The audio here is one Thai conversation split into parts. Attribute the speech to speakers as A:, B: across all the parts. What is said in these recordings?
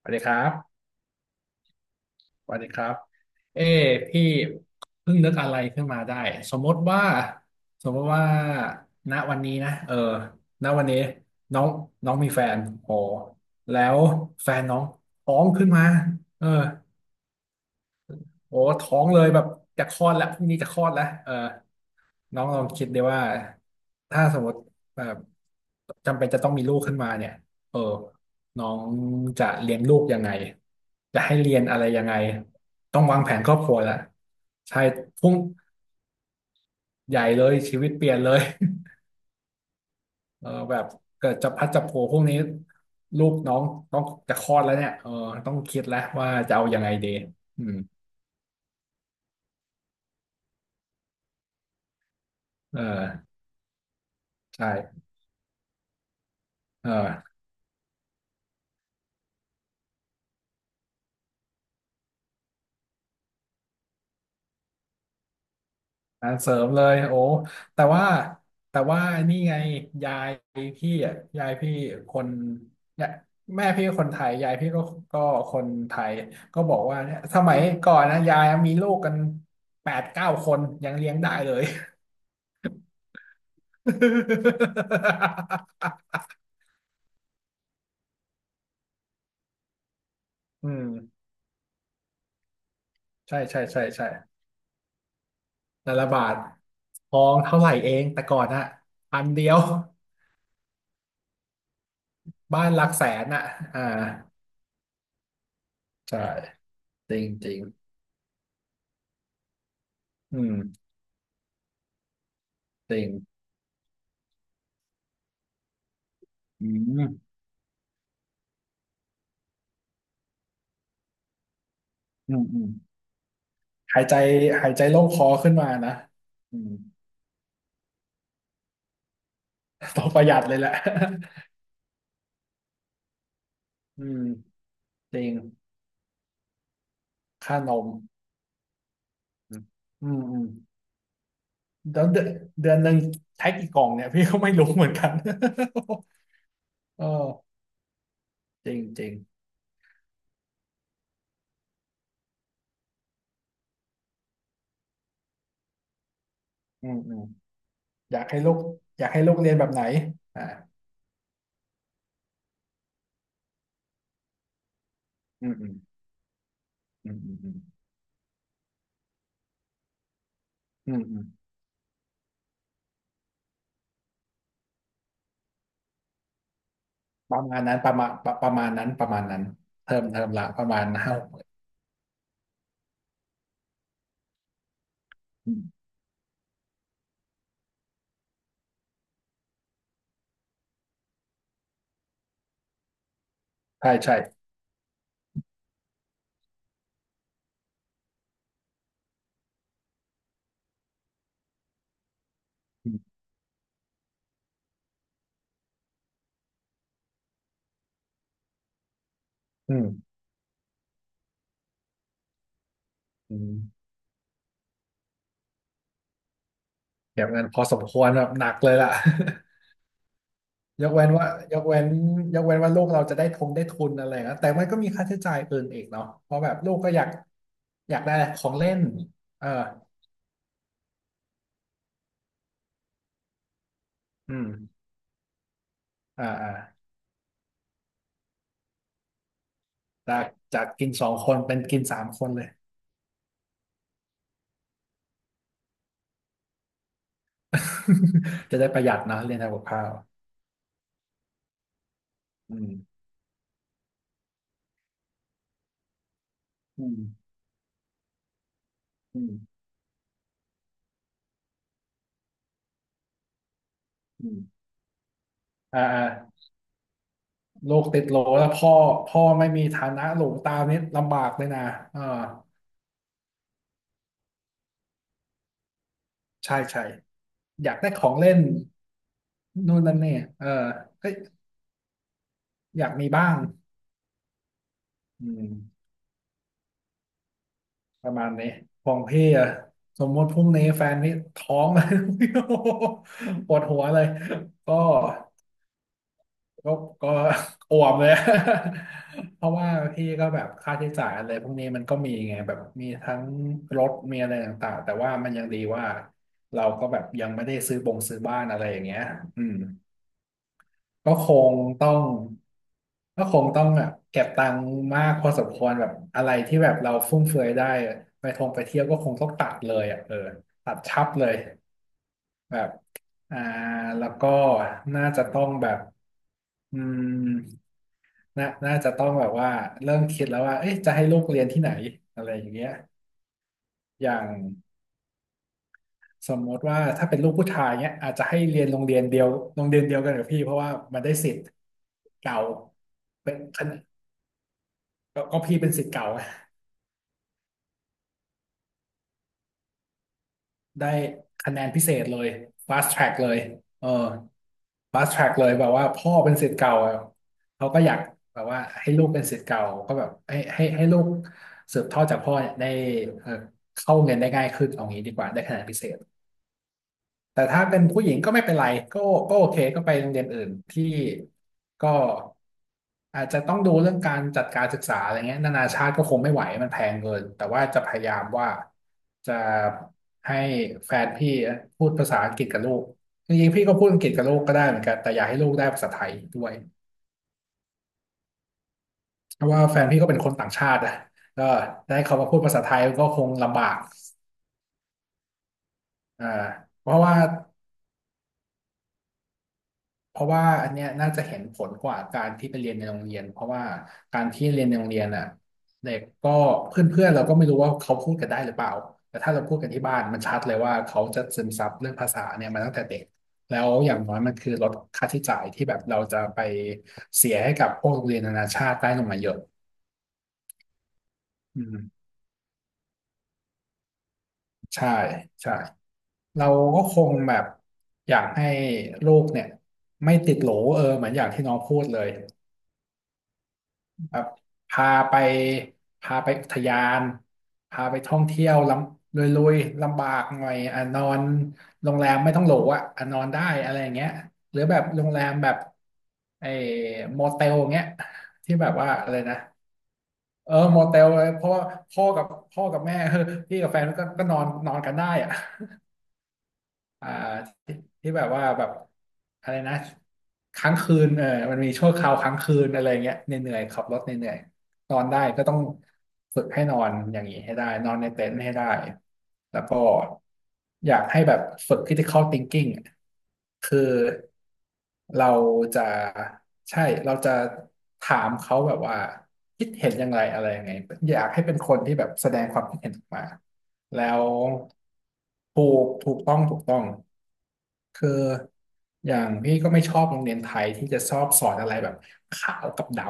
A: สวัสดีครับสวัสดีครับ เอ้พี่เพิ่งนึกอะไรขึ้นมาได้ สมมติว่า สมมติว่าณวันนี้นะเออณวันนี้น้องน้องมีแฟนโอ้แล้วแฟนน้องท้องขึ้นมาเออโอ้ท้องเลยแบบจะคลอดแล้วพรุ่งนี้จะคลอดแล้วเออ น้องลองคิดดีว่าถ้าสมมติแบบจำเป็นจะต้องมีลูกขึ้นมาเนี่ยเออน้องจะเลี้ยงลูกยังไงจะให้เรียนอะไรยังไงต้องวางแผนครอบครัวละใช่พุ่งใหญ่เลยชีวิตเปลี่ยนเลยเออแบบเกิดจะพัดจะโผพรกนี้ลูกน้องต้องจะคลอดแล้วเนี่ยเออต้องคิดแล้วว่าจะเอายังไงดีอืมเออใช่เออ งาเสริมเลยโอ้แต่ว่าแต่ว่านี่ไงยายยายพี่คนเนี่ยแม่พี่คนไทยยายพี่ก็คนไทยก็บอกว่าเนี่ยสมัยก่อนนะยายมีลูกกันแปดเก้าคนยังเลี้ยงได้เลย อืมใช่ใช่ใช่ใช่แต่ละบาททองเท่าไหร่เองแต่ก่อนอะพันเดียวบ้านหลักแสนอะอ่าใช่จริงจริงอืมจริงอืม อืมอืมหายใจหายใจโล่งคอขึ้นมานะอืมต้องประหยัดเลยแหละ อืมจริงค่านมอืมอืมอืมแล้วเดือนหนึ่งใช้กี่กล่องเนี่ยพี่ก็ไม่รู้เหมือนกัน เออจริงจริงอืมอืมอยากให้ลูกอยากให้ลูกเรียนแบบไหนอ่าอืมอืมอืมอืมอืมอืมอืมประมาณนั้นประมาณนั้นประมาณนั้นเทอมละประมาณห้าหกอืมใช่ใช่อืมอืมอืม เก็บเงินพอสมควรแบบหนักเลยล่ะ ยกเว้นว่ายกเว้นยกเว้นว่าลูกเราจะได้ทงได้ทุนอะไรนะแต่มันก็มีค่าใช้จ่ายอื่นอีกเนาะเพราะแบบลูกก็อยากได้ของเล่นเอออืมอ่าอ่าจากจากกินสองคนเป็นกินสามคนเลย จะได้ประหยัดนะเรียนทำกับข้าวอืมอืมอืมอืมอ่าอ่าลูกติดโหลแล้วพ่อไม่มีฐานะหลวงตามนี่ลำบากเลยนะอ่าใช่ใช่อยากได้ของเล่น นู่นนั่นเนี่ยเออก็อยากมีบ้างอืมประมาณนี้ของพี่อะสมมติพรุ่งนี้แฟนนี่ท้อง เลย โอ้โหปวดหัวเลยก็ก็ก็อ่วมเลย เพราะว่าพี่ก็แบบค่าใช้จ่ายอะไรพวกนี้มันก็มีไงแบบมีทั้งรถมีอะไรต่างๆแต่ว่ามันยังดีว่าเราก็แบบยังไม่ได้ซื้อบงซื้อบ้านอะไรอย่างเงี้ยอืม ก็คงต้องก็คงต้องแบบเก็บตังค์มากพอสมควรแบบอะไรที่แบบเราฟุ่มเฟือยได้อะไปท่องไปเที่ยวก็คงต้องตัดเลยอ่ะเออตัดชับเลยแบบอ่าแล้วก็น่าจะต้องแบบอืมน่าจะต้องแบบว่าเริ่มคิดแล้วว่าเอ๊ะจะให้ลูกเรียนที่ไหนอะไรอย่างเงี้ยอย่างสมมติว่าถ้าเป็นลูกผู้ชายเนี้ยอาจจะให้เรียนโรงเรียนเดียวกันกับพี่เพราะว่ามันได้สิทธิ์เก่าเป็น ก็พี่เป็นศิษย์เก่าไงได้คะแนนพิเศษเลย fast track เลยเออ fast track เลยแบบว่าพ่อเป็นศิษย์เก่าอะเขาก็อยากแบบว่าให้ลูกเป็นศิษย์เก่าก็แบบให้ลูกสืบทอดจากพ่อเนี่ยได้เออเข้าเรียนได้ง่ายขึ้นเอางี้ดีกว่าได้คะแนนพิเศษ แต่ถ้าเป็นผู้หญิงก็ไม่เป็นไรก็ก็โอเคก็ไปโรงเรียนอื่นที่ก็อาจจะต้องดูเรื่องการจัดการศึกษาอะไรเงี้ยนานาชาติก็คงไม่ไหวมันแพงเกินแต่ว่าจะพยายามว่าจะให้แฟนพี่พูดภาษาอังกฤษกับลูกจริงๆพี่ก็พูดอังกฤษกับลูกก็ได้เหมือนกันแต่อยากให้ลูกได้ภาษาไทยด้วยเพราะว่าแฟนพี่ก็เป็นคนต่างชาติอะก็ได้เขามาพูดภาษาไทยก็คงลำบากอ่าเพราะว่า เพราะว่าอันเนี้ยน่าจะเห็นผลกว่าการที่ไปเรียนในโรงเรียนเพราะว่าการที่เรียนในโรงเรียนอ่ะเด็กก็เพื่อนๆเราก็ไม่รู้ว่าเขาพูดกันได้หรือเปล่าแต่ถ้าเราพูดกันที่บ้านมันชัดเลยว่าเขาจะซึมซับเรื่องภาษาเนี่ยมาตั้งแต่เด็กแล้วอย่างน้อยมันคือลดค่าใช้จ่ายที่แบบเราจะไปเสียให้กับพวกโรงเรียนนานาชาติได้ลงมาเยอะอืมใช่ใช่เราก็คงแบบอยากให้ลูกเนี่ยไม่ติดโหลเออเหมือนอย่างที่น้องพูดเลย แบบพาไปอุทยานพาไปท่องเที่ยวลำลุยๆลำบากหน่อยอ่ะนอนโรงแรมไม่ต้องหรูอ่ะนอนได้อะไรอย่างเงี้ยหรือแบบโรงแรมแบบไอ้โมเตลเงี้ยที่แบบว่าอะไรนะเออโมเตลเลยเพราะว่าพ่อกับแม่ เออพี่กับแฟนก็นอนนอนกันได้อ่ะอ่าที่แบบว่าแบบอะไรนะค้างคืนเออมันมีชั่วคราวค้างคืนอะไรเงี้ยเหนื่อยๆขับรถเหนื่อยๆ นอนได้ก็ต้องฝึกให้นอนอย่างนี้ให้ได้นอนในเต็นท์ให้ได้แล้วก็อยากให้แบบฝึก critical thinking อะคือเราจะใช่เราจะถามเขาแบบว่าคิดเห็นยังไงอะไรยังไงอยากให้เป็นคนที่แบบแสดงความคิดเห็นออกมาแล้วถูกถูกต้องคืออย่างพี่ก็ไม่ชอบโรงเรียนไทยที่จะชอบสอนอะไรแบบขาวกับดำ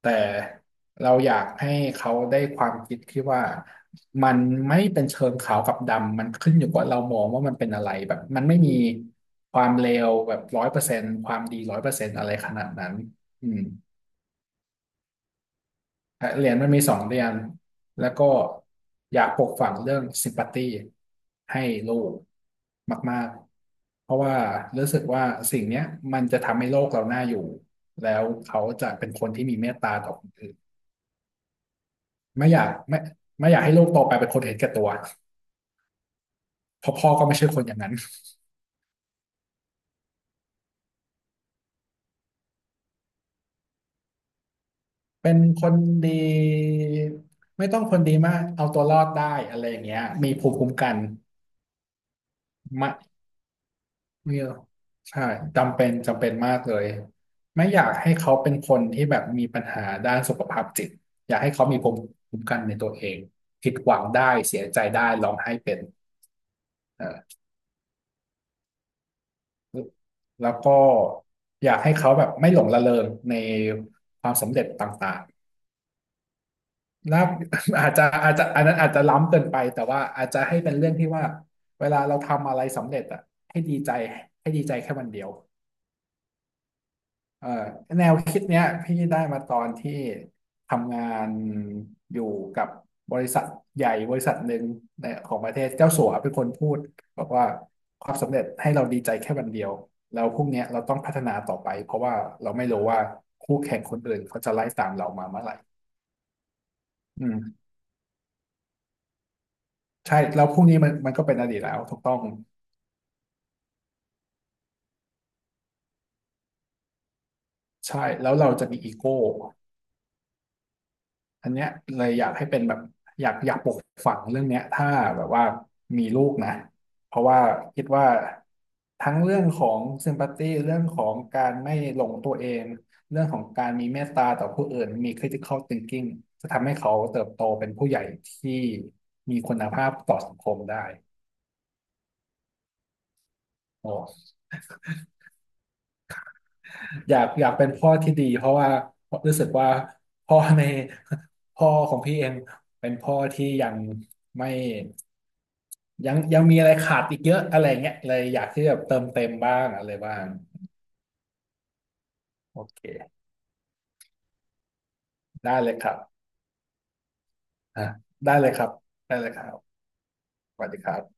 A: แต่เราอยากให้เขาได้ความคิดที่ว่ามันไม่เป็นเชิงขาวกับดำมันขึ้นอยู่กับเรามองว่ามันเป็นอะไรแบบมันไม่มีความเลวแบบร้อยเปอร์เซนต์ความดีร้อยเปอร์เซนต์อะไรขนาดนั้นอืมเหรียญมันมีสองเหรียญแล้วก็อยากปลูกฝังเรื่องซิมพัตตีให้ลูกมากๆเพราะว่ารู้สึกว่าสิ่งเนี้ยมันจะทำให้โลกเราน่าอยู่แล้วเขาจะเป็นคนที่มีเมตตาต่อคนอื่น ไม่อยากไม่อยากให้ลูกโตไปเป็นคนเห็นแก่ตัวเพราะพ่อก็ไม่ใช่คนอย่างนั้นเป็นคนดีไม่ต้องคนดีมากเอาตัวรอดได้อะไรอย่างเงี้ยมีภูมิคุ้มกันมะมีใช่จำเป็นมากเลยไม่อยากให้เขาเป็นคนที่แบบมีปัญหาด้านสุขภาพจิตอยากให้เขามีภูมิคุ้มกันในตัวเองผิดหวังได้เสียใจได้ร้องไห้เป็นเออแล้วก็อยากให้เขาแบบไม่หลงระเริงในความสำเร็จต่าง ลา อาจจะอันนั้นอาจจะล้ำเกินไปแต่ว่าอาจจะให้เป็นเรื่องที่ว่าเวลาเราทำอะไรสำเร็จอ่ะให้ดีใจให้ดีใจแค่วันเดียวเออแนวคิดเนี้ยพี่ได้มาตอนที่ทำงานอยู่กับบริษัทใหญ่บริษัทหนึ่งในของประเทศเจ้าสัวเป็นคนพูดบอกว่าความสำเร็จให้เราดีใจแค่วันเดียวแล้วพรุ่งเนี้ยเราต้องพัฒนาต่อไปเพราะว่าเราไม่รู้ว่าคู่แข่งคนอื่นเขาจะไล่ตามเรามาเมื่อไหร่ ใช่แล้วพวกนี้มันก็เป็นอดีตแล้วถูกต้องใช่แล้วเราจะมีอีโก้อันเนี้ยเลยอยากให้เป็นแบบอยากปลูกฝังเรื่องเนี้ยถ้าแบบว่ามีลูกนะเพราะว่าคิดว่าทั้งเรื่องของซิมพัตตีเรื่องของการไม่หลงตัวเองเรื่องของการมีเมตตาต่อผู้อื่นมี critical thinking จะทำให้เขาเติบโตเป็นผู้ใหญ่ที่มีคุณภาพต่อสังคมได้โอ้ อยากเป็นพ่อที่ดีเพราะว่ารู้สึกว่าพ่อในพ่อของพี่เองเป็นพ่อที่ยังไม่ยังมีอะไรขาดอีกเยอะอะไรเงี้ยเลยอยากที่จะเติมเต็มบ้างอะไรบ้างโอเคได้เลยครับอ่ะได้เลยครับได้เลยครับสวัสดีครับ